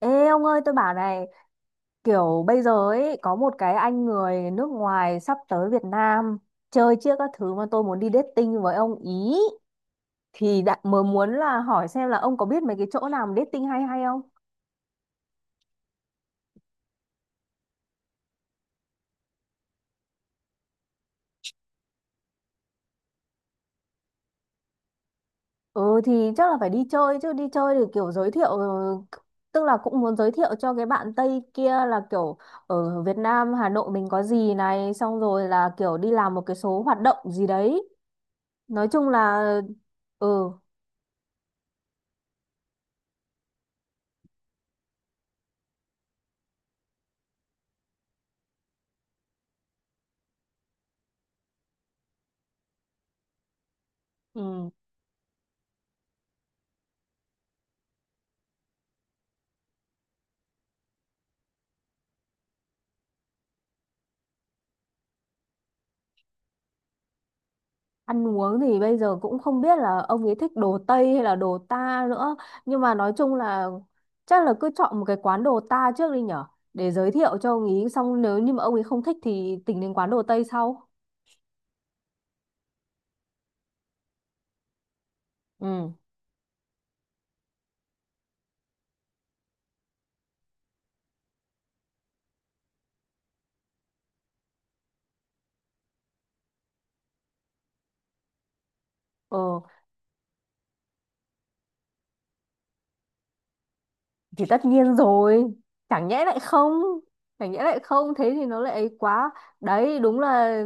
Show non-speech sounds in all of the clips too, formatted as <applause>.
Ê ông ơi, tôi bảo này, kiểu bây giờ ấy có một cái anh người nước ngoài sắp tới Việt Nam chơi chiếc các thứ mà tôi muốn đi dating với ông ý, thì đã mới muốn là hỏi xem là ông có biết mấy cái chỗ nào mà dating hay hay không? Ừ thì chắc là phải đi chơi chứ. Đi chơi thì kiểu giới thiệu, tức là cũng muốn giới thiệu cho cái bạn Tây kia là kiểu ở Việt Nam Hà Nội mình có gì này, xong rồi là kiểu đi làm một cái số hoạt động gì đấy, nói chung là. Ừ, ừ. Ăn uống thì bây giờ cũng không biết là ông ấy thích đồ Tây hay là đồ ta nữa. Nhưng mà nói chung là chắc là cứ chọn một cái quán đồ ta trước đi nhở. Để giới thiệu cho ông ấy, xong nếu như mà ông ấy không thích thì tính đến quán đồ Tây sau. Ừ. Ờ. Thì tất nhiên rồi, chẳng nhẽ lại không chẳng nhẽ lại không, thế thì nó lại ấy quá. Đấy, đúng là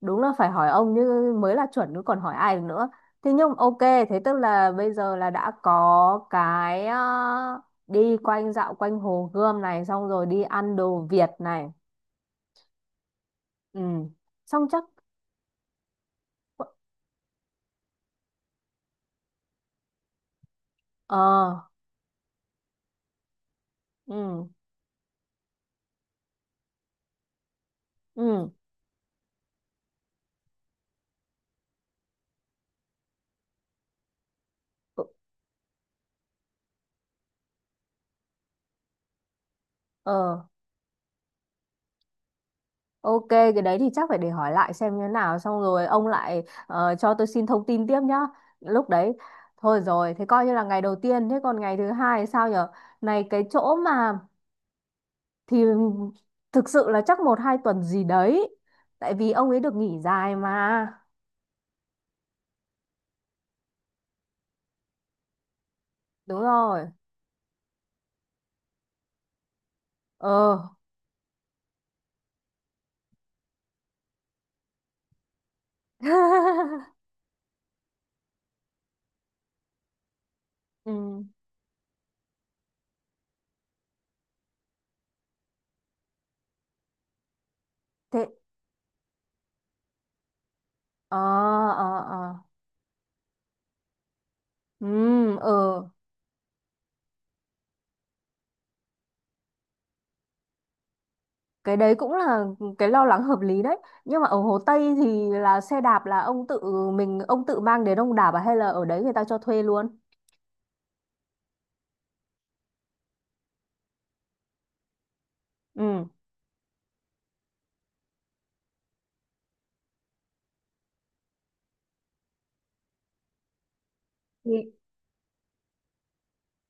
đúng là phải hỏi ông như mới là chuẩn chứ, còn hỏi ai được nữa. Thế nhưng ok, thế tức là bây giờ là đã có cái, đi quanh dạo quanh Hồ Gươm này, xong rồi đi ăn đồ Việt này. Ừ, xong chắc. Ờ. Ừ, ừ. Ờ. Ok, cái đấy thì chắc phải để hỏi lại xem như thế nào, xong rồi ông lại cho tôi xin thông tin tiếp nhá. Lúc đấy thôi rồi, thế coi như là ngày đầu tiên, thế còn ngày thứ hai sao nhở? Này cái chỗ mà, thì thực sự là chắc 1-2 tuần gì đấy. Tại vì ông ấy được nghỉ dài mà. Đúng rồi. Ờ. <laughs> Ừ. Thế ờ ờ ờ. Ừ, ờ. Cái đấy cũng là cái lo lắng hợp lý đấy, nhưng mà ở Hồ Tây thì là xe đạp là ông tự mình ông tự mang đến ông đạp à, hay là ở đấy người ta cho thuê luôn? Ừ, thì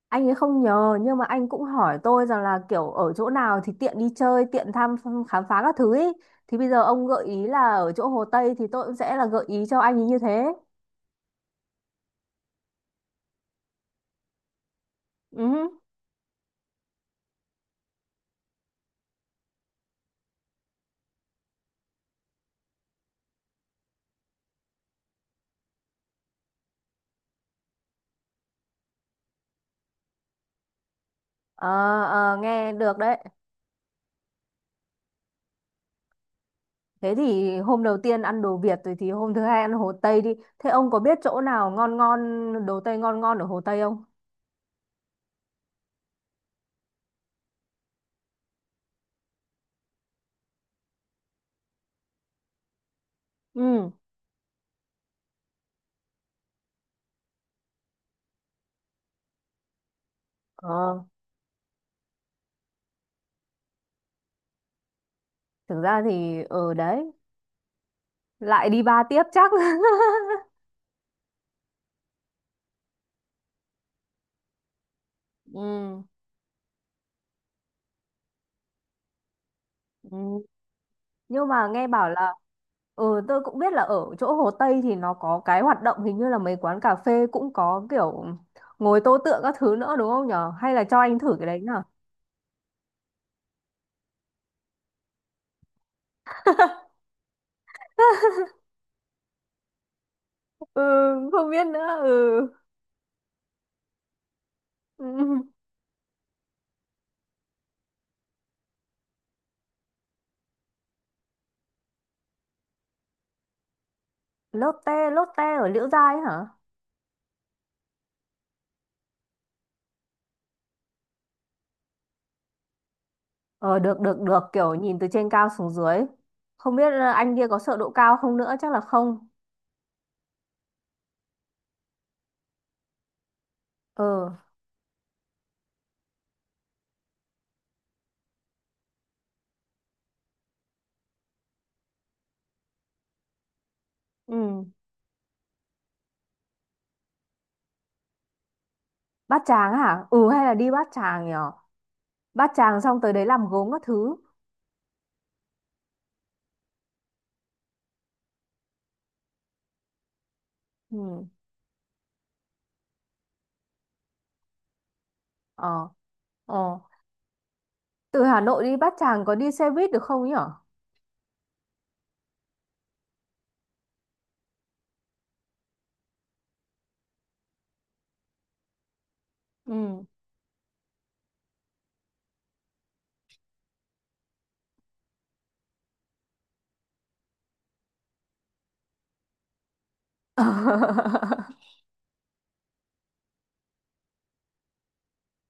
anh ấy không nhờ, nhưng mà anh cũng hỏi tôi rằng là kiểu ở chỗ nào thì tiện đi chơi, tiện thăm khám phá các thứ ý, thì bây giờ ông gợi ý là ở chỗ Hồ Tây thì tôi cũng sẽ là gợi ý cho anh ấy như thế. Ừ. Ờ, ờ, nghe được đấy. Thế thì hôm đầu tiên ăn đồ Việt rồi thì hôm thứ hai ăn Hồ Tây đi. Thế ông có biết chỗ nào ngon ngon, đồ Tây ngon ngon ở Hồ Tây không? Ừ. Ờ, thực ra thì ở đấy lại đi ba tiếp chắc. <laughs> Ừ, ừ. Nhưng mà nghe bảo là, tôi cũng biết là ở chỗ Hồ Tây thì nó có cái hoạt động, hình như là mấy quán cà phê cũng có kiểu ngồi tô tượng các thứ nữa, đúng không nhở? Hay là cho anh thử cái đấy nhở? Ừ, không biết nữa. Ừ. <laughs> Ừ. Lotte, Lotte ở Liễu Giai ấy hả? Ờ, được, được, được, kiểu nhìn từ trên cao xuống dưới. Không biết, anh kia có sợ độ cao không nữa, chắc là không. Ờ. Ừ. Bát Tràng hả? Ừ hay là đi Bát Tràng nhở? Bát Tràng xong tới đấy làm gốm các thứ. Ừ. Ờ, ờ. Từ Hà Nội đi Bát Tràng có đi xe buýt được không nhở? Ừ. <laughs>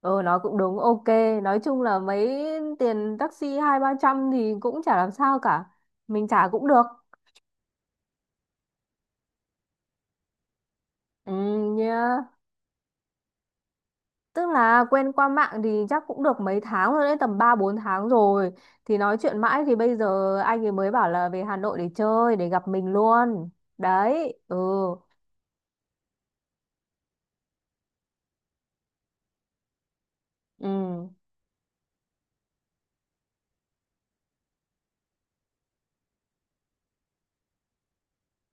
Ừ, nói cũng đúng, ok. Nói chung là mấy tiền taxi hai ba trăm thì cũng chả làm sao cả, mình trả cũng được. Ừ, nhá. Tức là quen qua mạng thì chắc cũng được mấy tháng rồi đấy, tầm 3-4 tháng rồi. Thì nói chuyện mãi thì bây giờ anh ấy mới bảo là về Hà Nội để chơi, để gặp mình luôn. Đấy, ừ, ừ.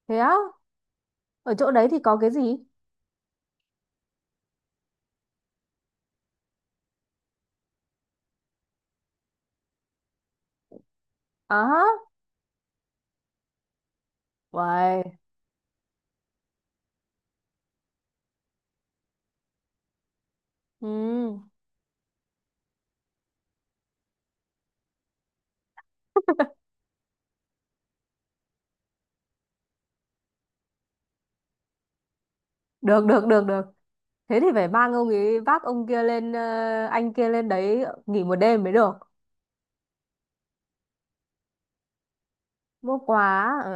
Thế á, ở chỗ đấy thì có cái gì? À hả, uầy, ừ. <laughs> Được, được, được, được. Thế thì phải mang ông ấy, vác ông kia lên, anh kia lên đấy nghỉ một đêm mới được. Mua quà,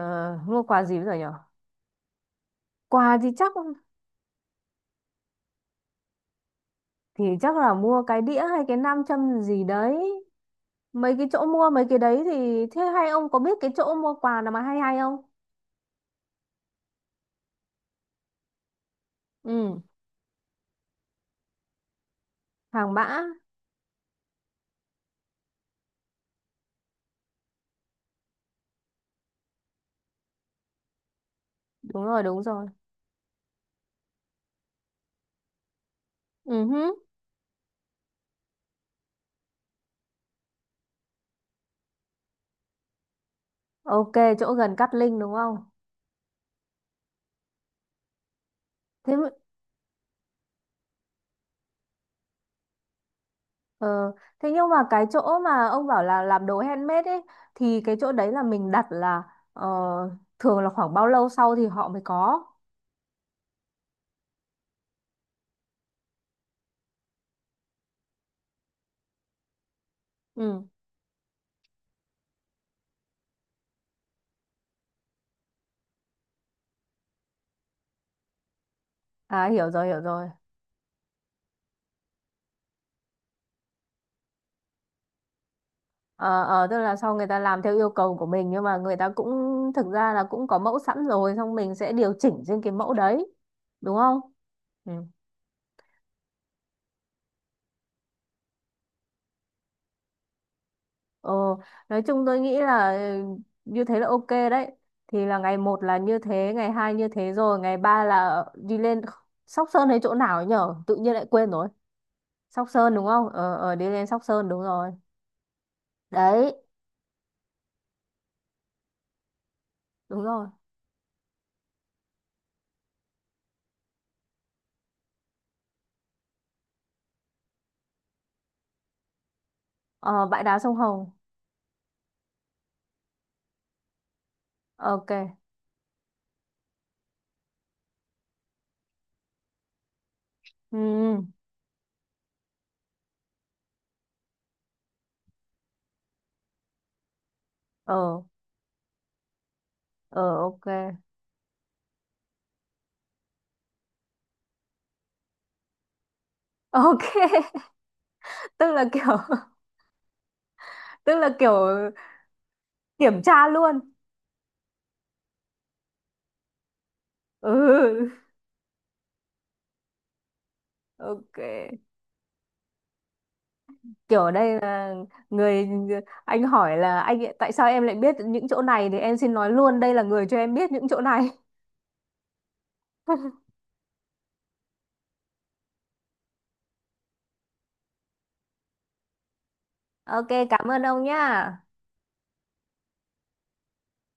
mua quà gì bây giờ nhở? Quà thì chắc, là mua cái đĩa hay cái nam châm gì đấy. Mấy cái chỗ mua mấy cái đấy thì, thế hay ông có biết cái chỗ mua quà nào mà hay hay không? Ừ. Hàng Mã. Đúng rồi, đúng rồi. Ừ hứ. Ok, chỗ gần Cát Linh, đúng không? thế m- ờ, thế nhưng mà cái chỗ mà ông bảo là làm đồ handmade ấy, thì cái chỗ đấy là mình đặt là, ờ, thường là khoảng bao lâu sau thì họ mới có? Ừ. À, hiểu rồi, hiểu rồi. Ờ, ờ, tức là sau người ta làm theo yêu cầu của mình, nhưng mà người ta cũng thực ra là cũng có mẫu sẵn rồi, xong mình sẽ điều chỉnh trên cái mẫu đấy, đúng không? Ừ. Ờ, nói chung tôi nghĩ là, như thế là ok đấy. Thì là ngày một là như thế, ngày hai như thế, rồi ngày ba là đi lên Sóc Sơn hay chỗ nào ấy nhở, tự nhiên lại quên rồi. Sóc Sơn, đúng không? Ờ, ờ, đi lên Sóc Sơn, đúng rồi. Đấy. Đúng rồi. Ờ, bãi đá sông Hồng. Ờ, ok. Ừ, ừ. Ờ, ờ, ok. <laughs> Ok, tức là kiểu. <laughs> Tức là kiểu kiểm tra luôn. Ừ. <laughs> Ok, kiểu ở đây là người anh hỏi là, tại sao em lại biết những chỗ này, thì em xin nói luôn đây là người cho em biết những chỗ này. <laughs> Ok, cảm ơn ông nhá.